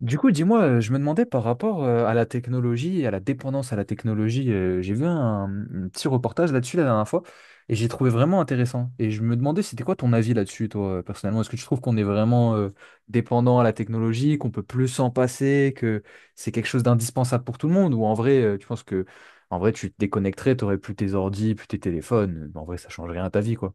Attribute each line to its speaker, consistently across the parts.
Speaker 1: Du coup, dis-moi, je me demandais par rapport à la technologie et à la dépendance à la technologie, j'ai vu un petit reportage là-dessus la dernière fois et j'ai trouvé vraiment intéressant. Et je me demandais, c'était quoi ton avis là-dessus, toi, personnellement? Est-ce que tu trouves qu'on est vraiment dépendant à la technologie, qu'on peut plus s'en passer, que c'est quelque chose d'indispensable pour tout le monde? Ou en vrai, tu penses que en vrai, tu te déconnecterais, t'aurais plus tes ordi, plus tes téléphones. En vrai, ça change rien à ta vie, quoi.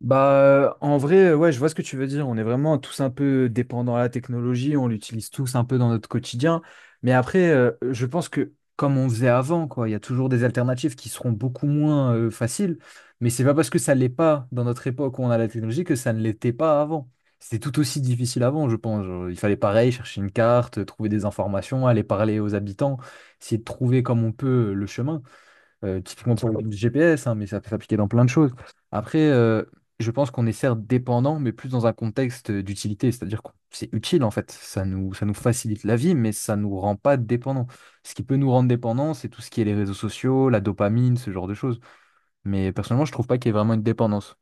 Speaker 1: Bah, en vrai, ouais, je vois ce que tu veux dire. On est vraiment tous un peu dépendants à la technologie, on l'utilise tous un peu dans notre quotidien. Mais après, je pense que comme on faisait avant, quoi, il y a toujours des alternatives qui seront beaucoup moins faciles. Mais c'est pas parce que ça l'est pas dans notre époque où on a la technologie que ça ne l'était pas avant. C'était tout aussi difficile avant, je pense. Genre, il fallait pareil, chercher une carte, trouver des informations, aller parler aux habitants, essayer de trouver comme on peut le chemin. Typiquement pour le GPS, hein, mais ça peut s'appliquer dans plein de choses. Après, je pense qu'on est certes dépendant, mais plus dans un contexte d'utilité, c'est-à-dire que c'est utile en fait. Ça nous facilite la vie, mais ça nous rend pas dépendants. Ce qui peut nous rendre dépendants, c'est tout ce qui est les réseaux sociaux, la dopamine, ce genre de choses. Mais personnellement, je trouve pas qu'il y ait vraiment une dépendance.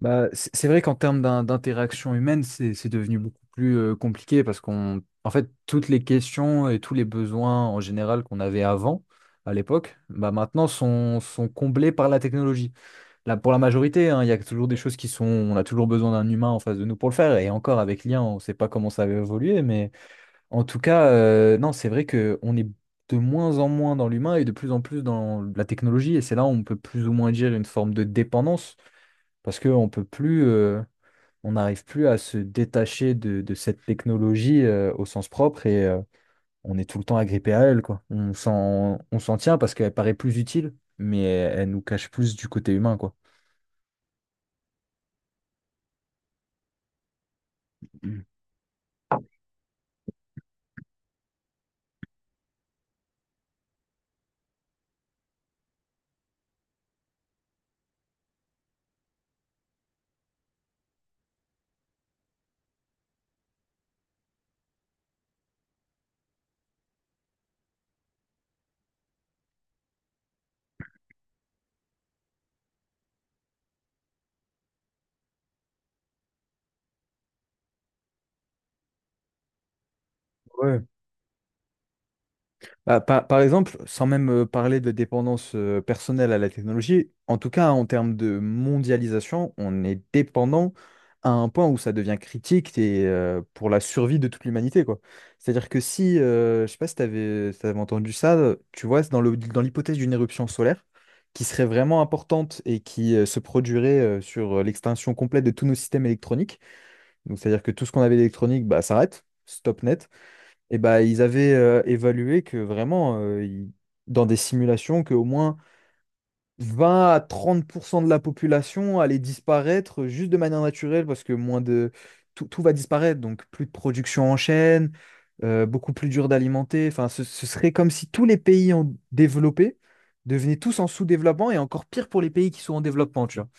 Speaker 1: Bah, c'est vrai qu'en termes d'interaction humaine, c'est devenu beaucoup plus compliqué parce qu'on, en fait, toutes les questions et tous les besoins en général qu'on avait avant, à l'époque, bah maintenant sont comblés par la technologie. Là, pour la majorité, hein, il y a toujours des choses qui sont, on a toujours besoin d'un humain en face de nous pour le faire. Et encore avec l'IA, on ne sait pas comment ça va évoluer, mais en tout cas, non, c'est vrai que on est de moins en moins dans l'humain et de plus en plus dans la technologie. Et c'est là où on peut plus ou moins dire une forme de dépendance parce qu'on ne peut plus on n'arrive plus à se détacher de cette technologie au sens propre et on est tout le temps agrippé à elle, quoi. On s'en tient parce qu'elle paraît plus utile, mais elle, elle nous cache plus du côté humain, quoi. Mm. Ouais. Bah, par exemple, sans même parler de dépendance personnelle à la technologie, en tout cas en termes de mondialisation, on est dépendant à un point où ça devient critique et, pour la survie de toute l'humanité, quoi. C'est-à-dire que si, je sais pas si tu avais, entendu ça, tu vois, c'est dans le, dans l'hypothèse d'une éruption solaire qui serait vraiment importante et qui se produirait sur l'extinction complète de tous nos systèmes électroniques, donc c'est-à-dire que tout ce qu'on avait d'électronique bah, s'arrête, stop net. Et bah, ils avaient évalué que vraiment, dans des simulations, qu'au moins 20 à 30% de la population allait disparaître juste de manière naturelle parce que moins de... Tout va disparaître, donc plus de production en chaîne, beaucoup plus dur d'alimenter. Enfin, ce serait comme si tous les pays en développé devenaient tous en sous-développement et encore pire pour les pays qui sont en développement, tu vois.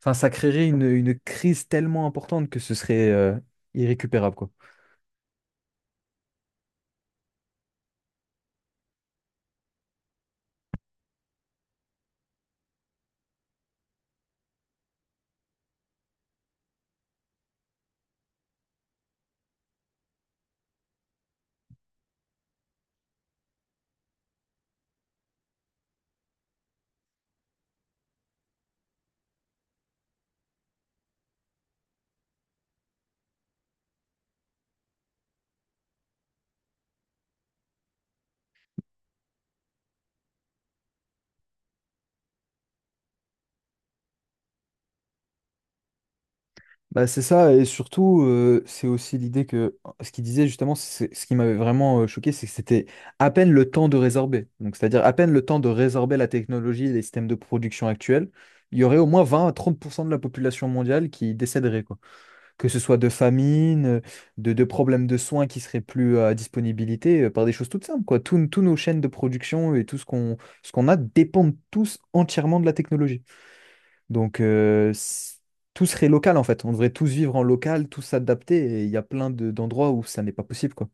Speaker 1: Enfin, ça créerait une crise tellement importante que ce serait irrécupérable, quoi. Bah, c'est ça, et surtout, c'est aussi l'idée que ce qu'il disait justement, ce qui m'avait vraiment choqué, c'est que c'était à peine le temps de résorber. Donc, c'est-à-dire à peine le temps de résorber la technologie et les systèmes de production actuels, il y aurait au moins 20 à 30% de la population mondiale qui décéderait, quoi. Que ce soit de famine, de problèmes de soins qui seraient plus à disponibilité, par des choses toutes simples, quoi. Tous nos chaînes de production et tout ce qu'on a dépendent tous entièrement de la technologie. Donc, tout serait local en fait. On devrait tous vivre en local, tous s'adapter. Et il y a d'endroits où ça n'est pas possible, quoi.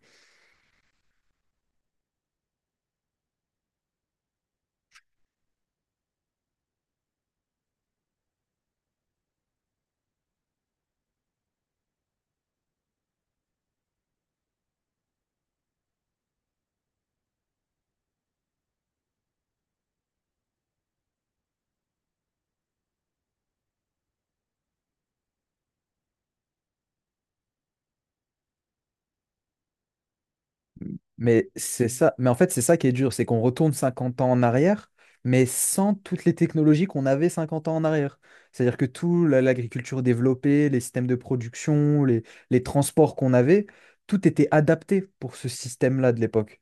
Speaker 1: Mais c'est ça. Mais en fait, c'est ça qui est dur, c'est qu'on retourne cinquante ans en arrière, mais sans toutes les technologies qu'on avait 50 ans en arrière. C'est-à-dire que l'agriculture développée, les systèmes de production, les transports qu'on avait, tout était adapté pour ce système-là de l'époque.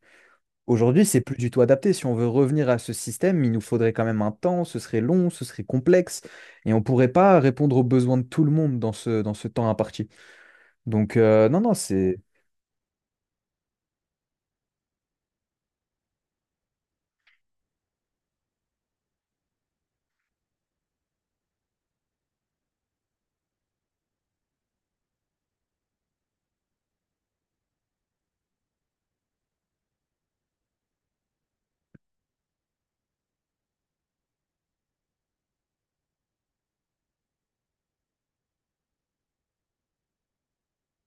Speaker 1: Aujourd'hui, c'est plus du tout adapté. Si on veut revenir à ce système, il nous faudrait quand même un temps, ce serait long, ce serait complexe, et on ne pourrait pas répondre aux besoins de tout le monde dans dans ce temps imparti. Donc, non, non, c'est,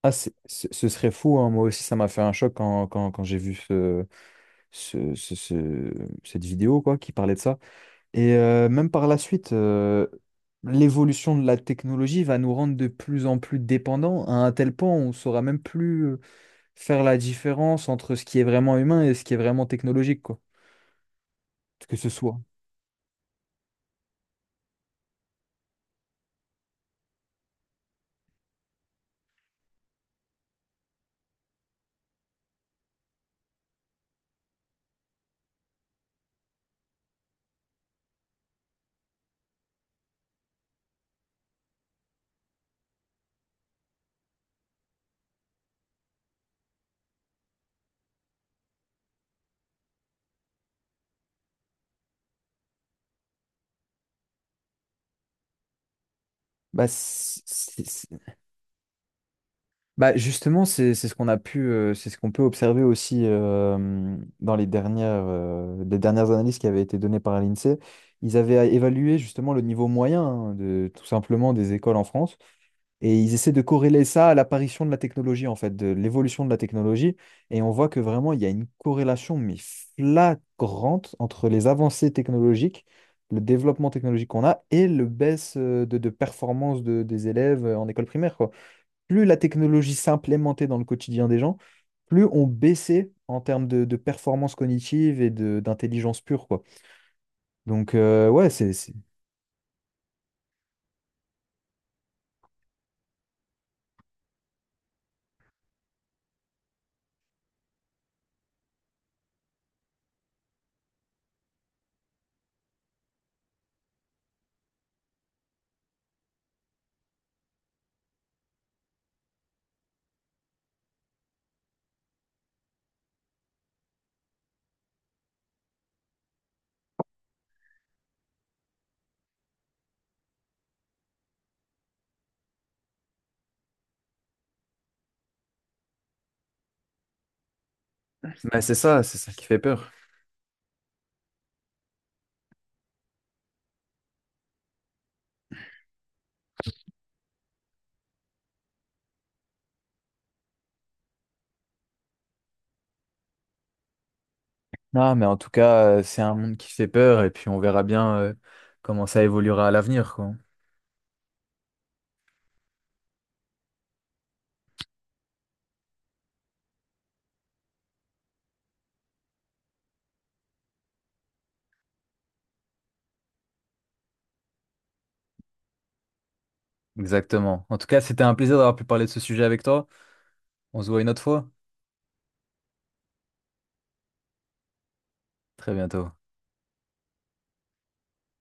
Speaker 1: ah, ce serait fou. Hein. Moi aussi, ça m'a fait un choc quand, quand j'ai vu ce- ce- ce- cette vidéo quoi, qui parlait de ça. Et même par la suite, l'évolution de la technologie va nous rendre de plus en plus dépendants à un tel point où on ne saura même plus faire la différence entre ce qui est vraiment humain et ce qui est vraiment technologique, quoi. Que ce soit. Bah, c'est- c'est- c'est- bah justement, c'est ce qu'on a pu, c'est ce qu'on peut observer aussi dans les dernières analyses qui avaient été données par l'INSEE. Ils avaient évalué justement le niveau moyen hein, de tout simplement des écoles en France. Et ils essaient de corréler ça à l'apparition de la technologie, en fait, de l'évolution de la technologie. Et on voit que vraiment, il y a une corrélation, mais flagrante, entre les avancées technologiques, le développement technologique qu'on a et le baisse de performance des élèves en école primaire, quoi. Plus la technologie s'implémentait dans le quotidien des gens, plus on baissait en termes de performance cognitive et d'intelligence pure, quoi. Donc, ouais, mais c'est ça qui fait peur. Non, mais en tout cas, c'est un monde qui fait peur et puis on verra bien comment ça évoluera à l'avenir, quoi. Exactement. En tout cas, c'était un plaisir d'avoir pu parler de ce sujet avec toi. On se voit une autre fois. Très bientôt.